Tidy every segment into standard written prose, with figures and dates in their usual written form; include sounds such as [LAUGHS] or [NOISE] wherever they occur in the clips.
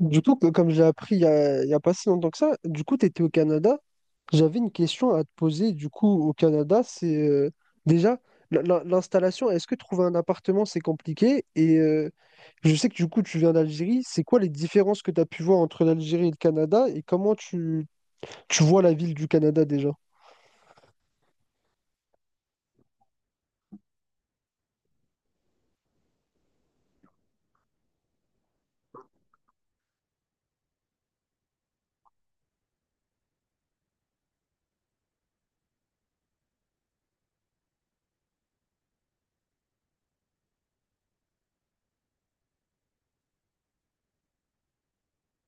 Du coup, comme j'ai appris il y a pas si longtemps que ça, du coup, tu étais au Canada. J'avais une question à te poser. Du coup, au Canada, c'est déjà l'installation. Est-ce que trouver un appartement, c'est compliqué? Et je sais que du coup, tu viens d'Algérie. C'est quoi les différences que tu as pu voir entre l'Algérie et le Canada? Et comment tu vois la ville du Canada déjà?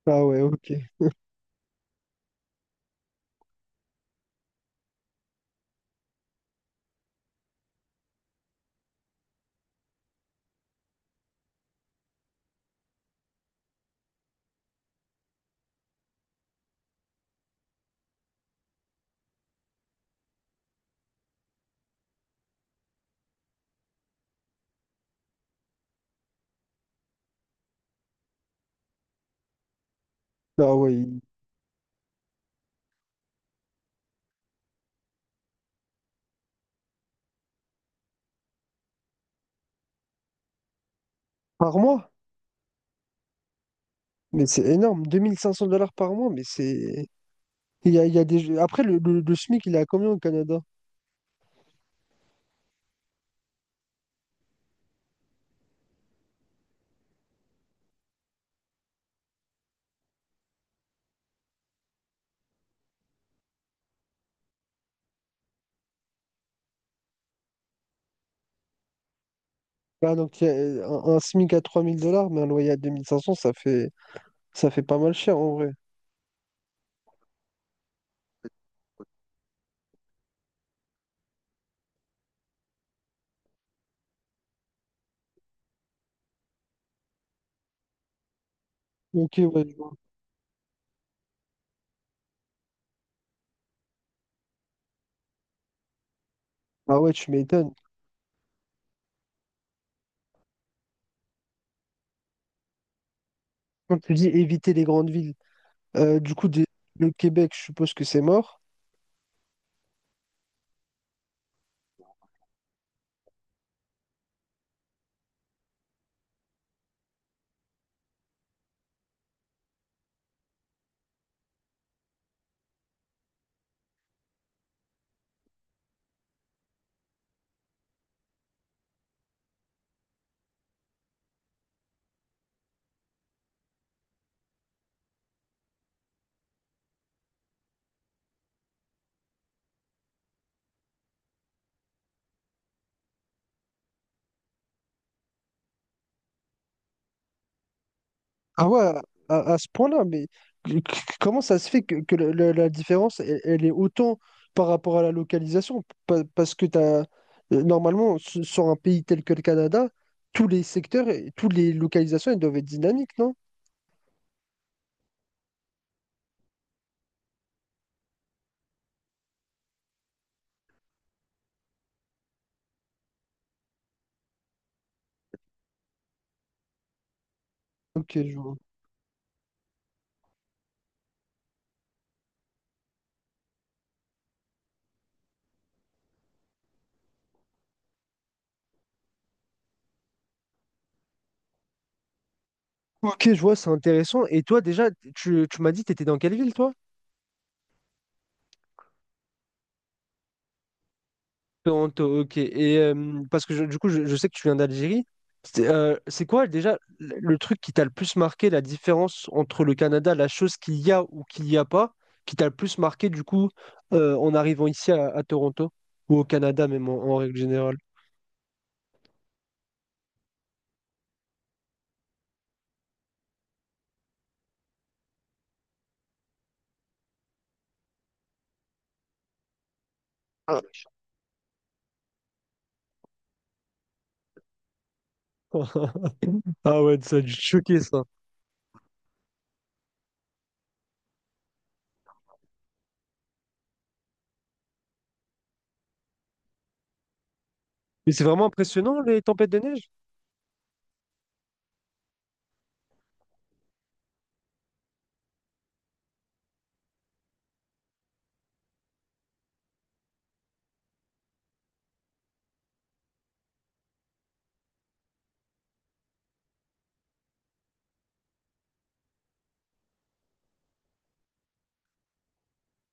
Ah ouais, ok. Ah ouais, par mois? Mais c'est énorme. 2500 dollars par mois, mais c'est. Il y a des... Après, le SMIC, il est à combien au Canada? Ah, donc, il y a un SMIC à 3000 dollars, mais un loyer à 2500 ça fait pas mal cher en vrai. Ok, ouais, je vois. Ah ouais, tu m'étonnes. Quand tu dis éviter les grandes villes, du coup, le Québec, je suppose que c'est mort. Ah ouais, à ce point-là, mais comment ça se fait que la différence, elle est autant par rapport à la localisation? Parce que t'as, normalement, sur un pays tel que le Canada, tous les secteurs, et toutes les localisations, elles doivent être dynamiques, non? Ok, je vois. Ok, je vois, c'est intéressant. Et toi, déjà, tu m'as dit, t'étais dans quelle ville, toi? Toronto, ok. Et parce que du coup, je sais que tu viens d'Algérie. C'est quoi, déjà, le truc qui t'a le plus marqué, la différence entre le Canada, la chose qu'il y a ou qu'il n'y a pas, qui t'a le plus marqué, du coup, en arrivant ici à Toronto, ou au Canada, même en règle générale? [LAUGHS] Ah ouais, ça a dû te choquer, ça. Mais c'est vraiment impressionnant, les tempêtes de neige?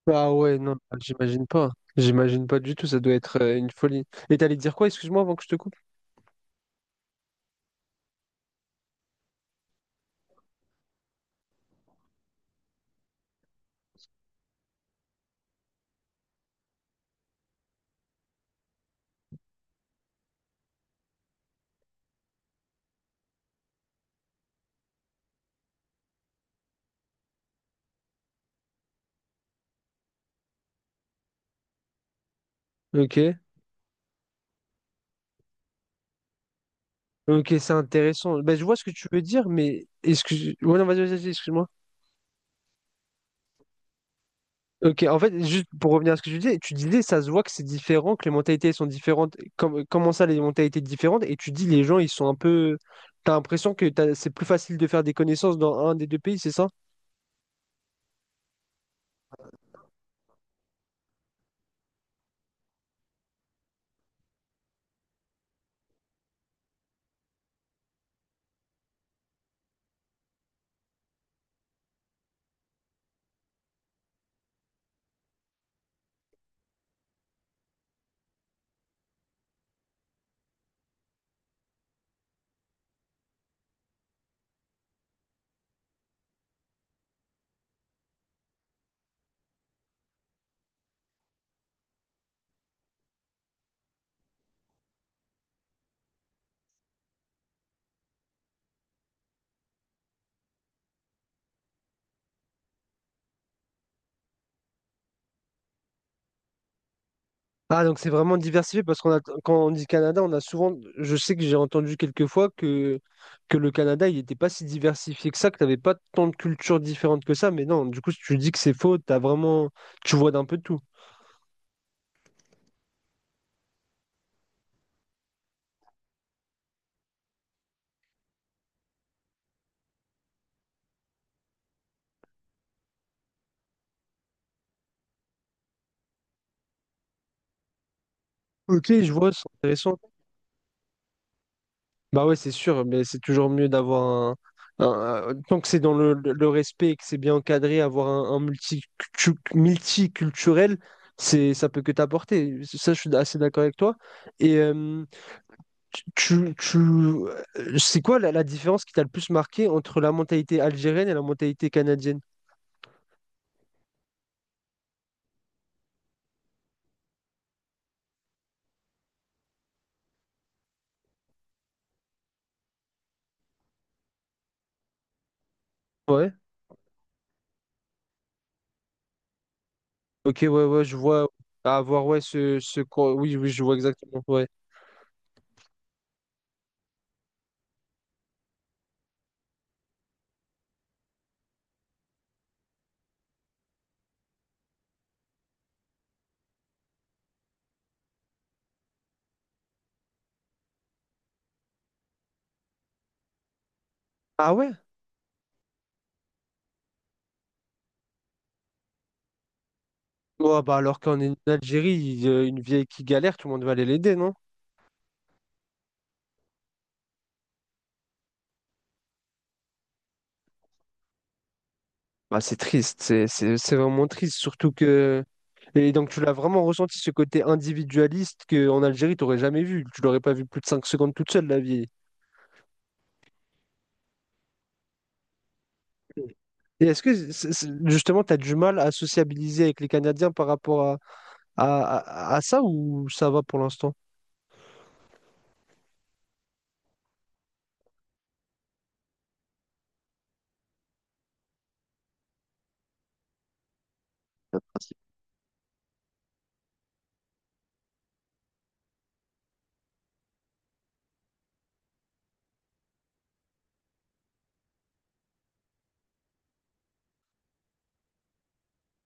Ah ouais, non, bah, j'imagine pas. J'imagine pas du tout, ça doit être une folie. Et t'allais dire quoi, excuse-moi, avant que je te coupe? Ok. Ok, c'est intéressant. Bah, je vois ce que tu veux dire, mais excuse... Ouais, non, vas-y, vas-y, vas-y, excuse-moi. Ok, en fait, juste pour revenir à ce que tu disais, ça se voit que c'est différent, que les mentalités sont différentes. Comment ça, les mentalités différentes? Et tu dis, les gens, ils sont un peu... T'as l'impression que c'est plus facile de faire des connaissances dans un des deux pays, c'est ça? Ah, donc c'est vraiment diversifié, parce qu'on a, quand on dit Canada, on a souvent... Je sais que j'ai entendu quelques fois que le Canada, il n'était pas si diversifié que ça, que t'avais pas tant de cultures différentes que ça. Mais non, du coup, si tu dis que c'est faux, t'as vraiment... Tu vois d'un peu tout. Ok, je vois, c'est intéressant. Bah ouais, c'est sûr, mais c'est toujours mieux d'avoir Tant que c'est dans le respect et que c'est bien encadré, avoir multiculturel, c'est, ça peut que t'apporter. Ça, je suis assez d'accord avec toi. Et tu, c'est quoi la différence qui t'a le plus marqué entre la mentalité algérienne et la mentalité canadienne? Ouais. Ok, ouais, ouais, je vois. À voir, ouais, Oui, oui, je vois exactement. Ouais. Ah ouais? Ouais, bah alors qu'on est en Algérie, il y a une vieille qui galère, tout le monde va aller l'aider, non? Bah, c'est triste, c'est vraiment triste, surtout que... Et donc tu l'as vraiment ressenti ce côté individualiste qu'en Algérie, tu n'aurais jamais vu. Tu l'aurais pas vu plus de 5 secondes toute seule, la vie. Et est-ce que justement, tu as du mal à sociabiliser avec les Canadiens par rapport à, à ça ou ça va pour l'instant?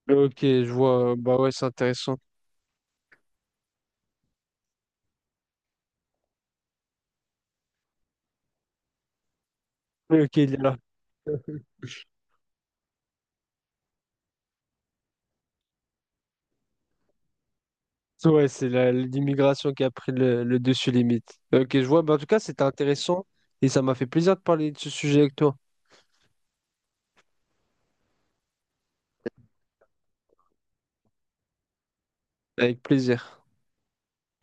Ok, je vois. Bah ouais, c'est intéressant. Ok, il est là. Ouais, c'est l'immigration qui a pris le dessus limite. Ok, je vois. Bah, en tout cas, c'était intéressant et ça m'a fait plaisir de parler de ce sujet avec toi. Avec plaisir.